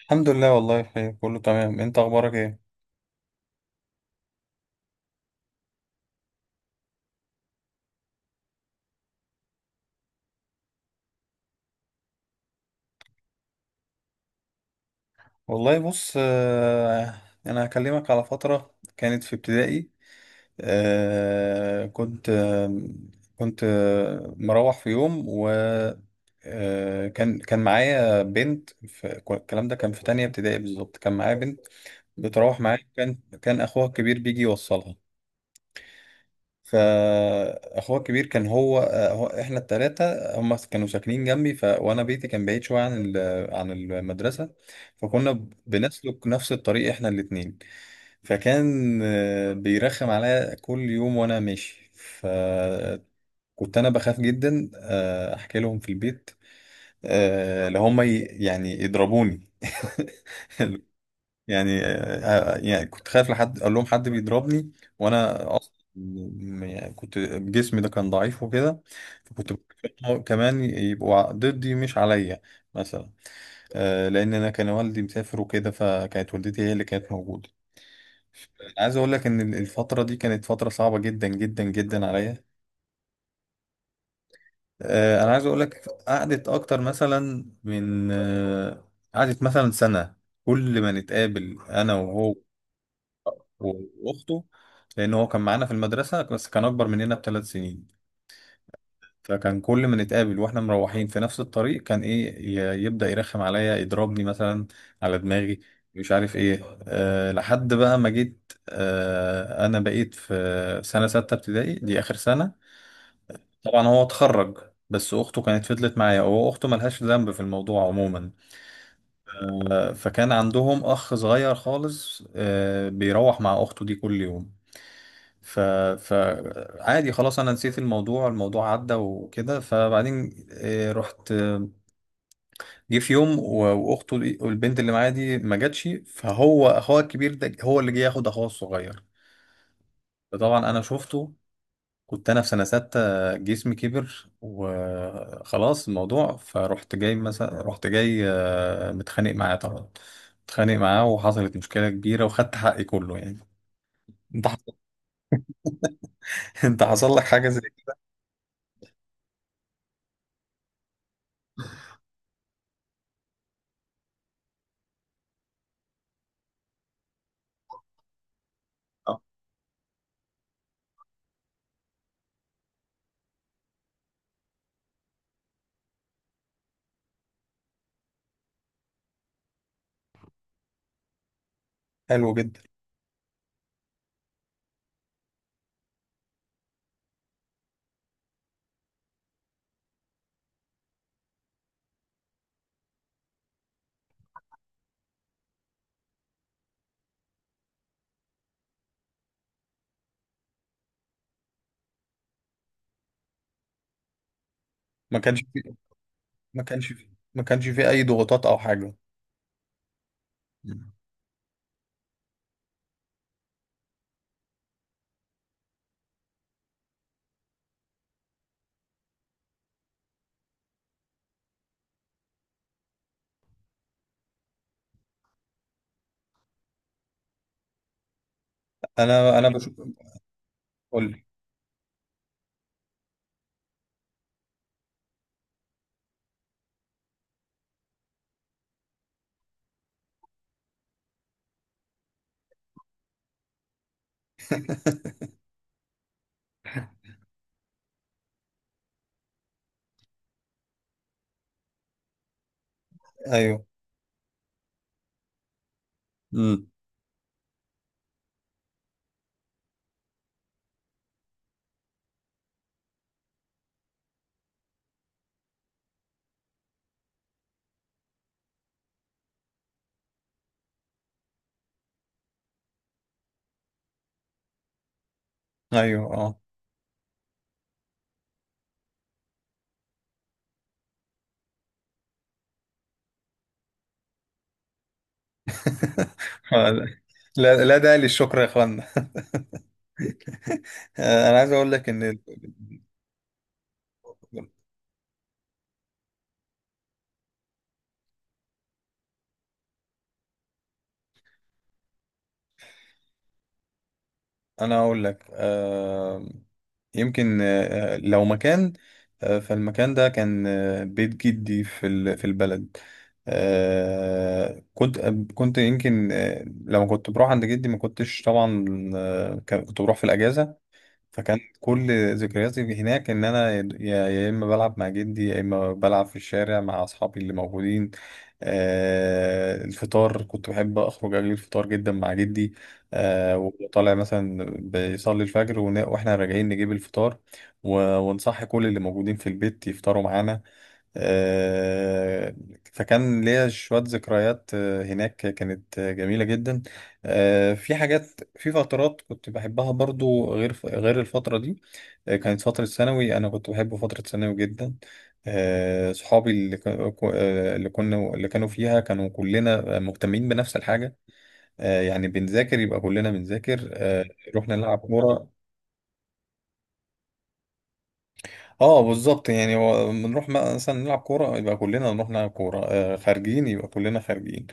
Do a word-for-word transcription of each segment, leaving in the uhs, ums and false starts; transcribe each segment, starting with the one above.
الحمد لله، والله بخير، كله تمام. انت اخبارك ايه؟ والله بص. آه، انا هكلمك على فترة كانت في ابتدائي. آه، كنت آه، كنت آه، مروح في يوم، و آه، كان كان معايا بنت في الكلام ده كان في تانية ابتدائي بالظبط. كان معايا بنت بتروح معايا، كان كان اخوها الكبير بيجي يوصلها. فاخوه الكبير كان هو آه، هو احنا التلاتة هم كانوا ساكنين جنبي. ف... وانا بيتي كان بعيد شوية عن ال... عن المدرسة. فكنا ب- بنسلك نفس الطريق احنا الاتنين. فكان آه، بيرخم عليا كل يوم وانا ماشي، فكنت انا بخاف جدا آه، احكي لهم في البيت، آه، اللي هم ي... يعني يضربوني. اللي يعني آه، آه، يعني كنت خايف لحد اقول لهم حد بيضربني، وانا اصلا م- يعني كنت جسمي ده كان ضعيف وكده. فكنت بخاف كمان يبقوا ع- ضدي مش عليا مثلا. آه، لان انا كان والدي مسافر وكده، فكانت والدتي هي اللي كانت موجوده. انا عايز اقول لك ان ال- الفتره دي كانت فتره صعبه جدا جدا جدا عليا. آه، انا عايز اقول لك قعدت اكتر مثلا من آه، قعدت مثلا سنه، كل ما نتقابل انا وهو واخته. لان هو كان معانا في المدرسه، بس كان اكبر مننا بثلاث سنين. فكان كل ما نتقابل واحنا مروحين في نفس الطريق، كان ايه ي- يبدا يرخم عليا يضربني مثلا على دماغي، مش عارف ايه. أه، لحد بقى ما جيت، أه انا بقيت في سنه سته ابتدائي دي اخر سنه. طبعا هو اتخرج، بس اخته كانت فضلت معايا، هو اخته ملهاش ذنب في الموضوع عموما. أه، فكان عندهم اخ صغير خالص أه بيروح مع اخته دي كل يوم. ف فعادي خلاص، انا نسيت الموضوع، الموضوع عدى وكده. فبعدين آه، رحت آه، جه في يوم و- واخته دي- والبنت اللي معايا دي ما جاتش، فهو اخوها الكبير ده هو اللي جه ياخد اخوها الصغير. فطبعا انا شفته. كنت انا في سنه سته، جسمي كبر، وخلاص الموضوع. فرحت جاي مثلا، رحت جاي آه، متخانق معاه طبعا، متخانق معاه، وحصلت مشكله كبيره وخدت حقي كله يعني. انت حصل- انت حصل لك حاجه زي كده؟ آه، حلو جدا. ما كانش ما كانش فيه ما كانش فيه اي ضغوطات او حاجه. انا انا بشوف، قول لي. ايوه. امم. ايوه. اه. لا، لا داعي للشكر يا اخوانا. انا عايز اقول لك ان انا اقول لك آه، يمكن آه، لو مكان، آه، فالمكان ده كان آه، بيت جدي في ال- في البلد. آه، كنت كنت يمكن آه، لما كنت بروح عند جدي ما كنتش طبعا آه، كان- كنت بروح في الاجازه. فكان كل ذكرياتي هناك ان انا يا يا اما بلعب مع جدي، يا اما بلعب في الشارع مع اصحابي اللي موجودين. آه، الفطار كنت بحب اخرج اجيب الفطار جدا مع جدي. آه، وطالع مثلا بيصلي الفجر، ون- واحنا راجعين نجيب الفطار، و- ونصحي كل اللي موجودين في البيت يفطروا معانا. آه، فكان ليا شوية ذكريات آه، هناك كانت آه، جميلة جدا. آه، في حاجات، في فترات كنت بحبها برضو غير غير الفترة دي. آه، كانت فترة ثانوي، أنا كنت بحب فترة ثانوي جدا. آه، صحابي اللي كا- كو- آه، اللي كنا، اللي كانوا فيها، كانوا كلنا مهتمين بنفس الحاجة. آه، يعني بنذاكر يبقى كلنا بنذاكر، آه، رحنا نلعب كورة. اه بالظبط. يعني هو بنروح مثلا نلعب كورة يبقى كلنا نروح نلعب كورة، آه خارجين يبقى كلنا خارجين.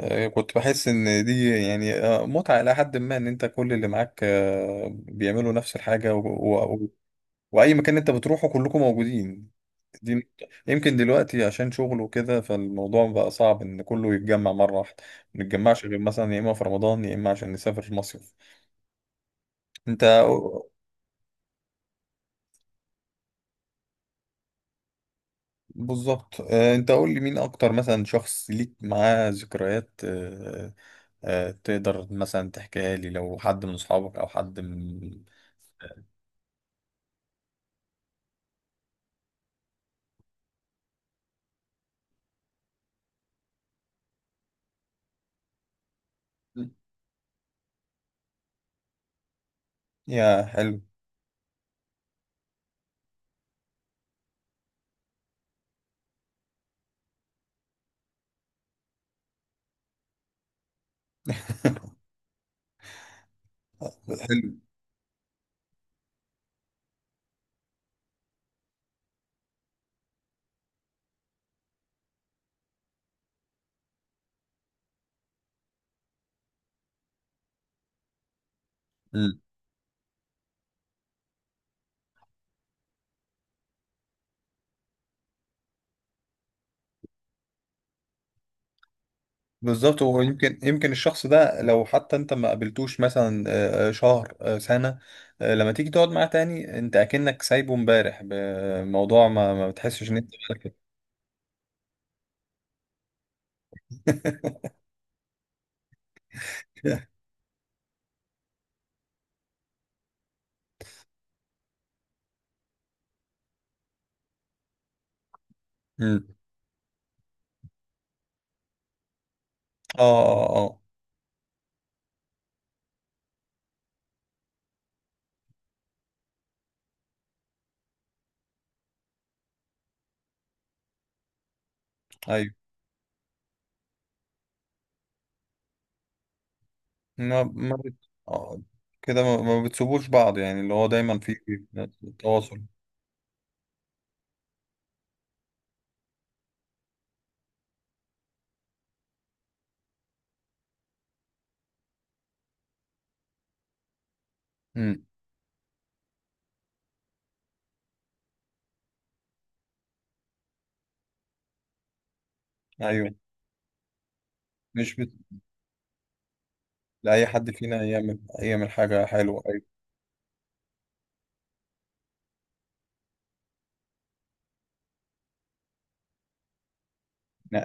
آه، كنت بحس ان دي يعني آه متعة إلى حد ما، ان انت كل اللي معاك آه بيعملوا نفس الحاجة. و... و... واي مكان انت بتروحه كلكم موجودين، دي نقطة. يمكن دلوقتي عشان شغل وكده، فالموضوع بقى صعب ان كله يتجمع مرة واحدة، ما نتجمعش غير مثلا يا اما في رمضان يا اما عشان نسافر مصيف. انت بالظبط. آه، انت قول لي، مين اكتر مثلا شخص ليك معاه ذكريات، آه، آه، تقدر مثلا تحكيها لي؟ لو حد من اصحابك او حد من... يا حلو. حلو. مم. بالظبط. ويمكن يمكن يمكن الشخص ده، لو حتى انت ما قابلتوش مثلا آه، آه، شهر آه، سنة، آه، لما تيجي تقعد معاه تاني انت اكنك سايبه امبارح بموضوع، ما ما بتحسش ان انت... مم. اه اه اه. ايوه. ما ما بت... آه، كده ما, ما بتسيبوش بعض، يعني اللي هو دايما في تواصل. امم. ايوه. مش بت... لأي حد فينا يعمل يعمل حاجة حلوة، ايوه. نعم.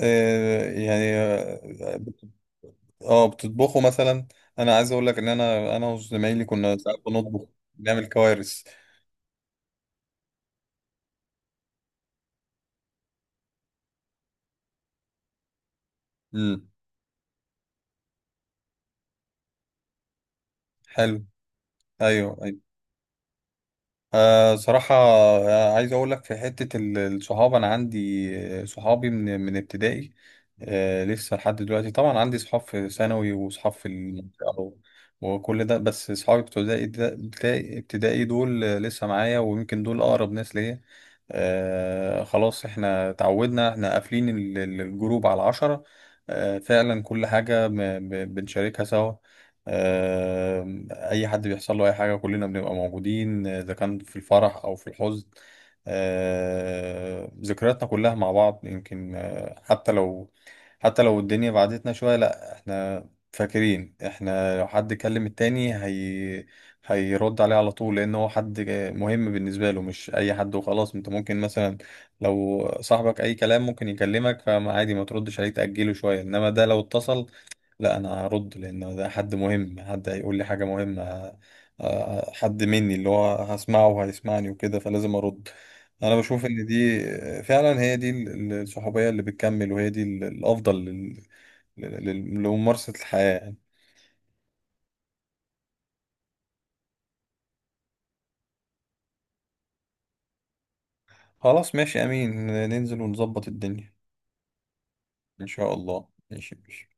آه يعني اه بت- آه، بتطبخوا مثلا؟ انا عايز اقول لك ان انا انا وزمايلي كنا ساعات بنطبخ، بنعمل كوارث. امم. حلو. ايوه. أيوه. أه صراحة، آه، عايز أقول لك في حتة ال- الصحاب، أنا عندي آه، صحابي من من ابتدائي، أه لسه لحد دلوقتي. طبعا عندي صحاب في ثانوي وصحاب في المنطقة و- وكل ده، بس صحابي بتوع ابتدائي ده- ابتدائي ابتدائي دول آه، لسه معايا، ويمكن دول أقرب ناس ليا. أه خلاص، احنا تعودنا، احنا قافلين ال- ال- الجروب على عشرة. أه فعلا كل حاجة ب- ب- بنشاركها سوا. آه، اي حد بيحصل له اي حاجه كلنا بنبقى موجودين، آه، اذا كان في الفرح او في الحزن. آه، ذكرياتنا كلها مع بعض. يمكن آه، حتى لو، حتى لو الدنيا بعدتنا شويه، لا احنا فاكرين. احنا لو حد كلم التاني، هي هيرد عليه على طول، لان هو حد مهم بالنسبه له، مش اي حد وخلاص. انت ممكن مثلا لو صاحبك اي كلام ممكن يكلمك، فما عادي ما تردش عليه تاجله شويه، انما ده لو اتصل لا انا هرد، لان ده حد مهم، حد هيقول لي حاجه مهمه، آه، آه، حد مني اللي هو هسمعه وهيسمعني وكده، فلازم ارد. انا بشوف ان دي فعلا هي دي ال- ال- الصحوبيه اللي بتكمل، وهي دي ال- الافضل لل- لل- لل- لممارسه الحياه يعني. خلاص ماشي، امين، ننزل ونظبط الدنيا، ان شاء الله. ماشي ماشي.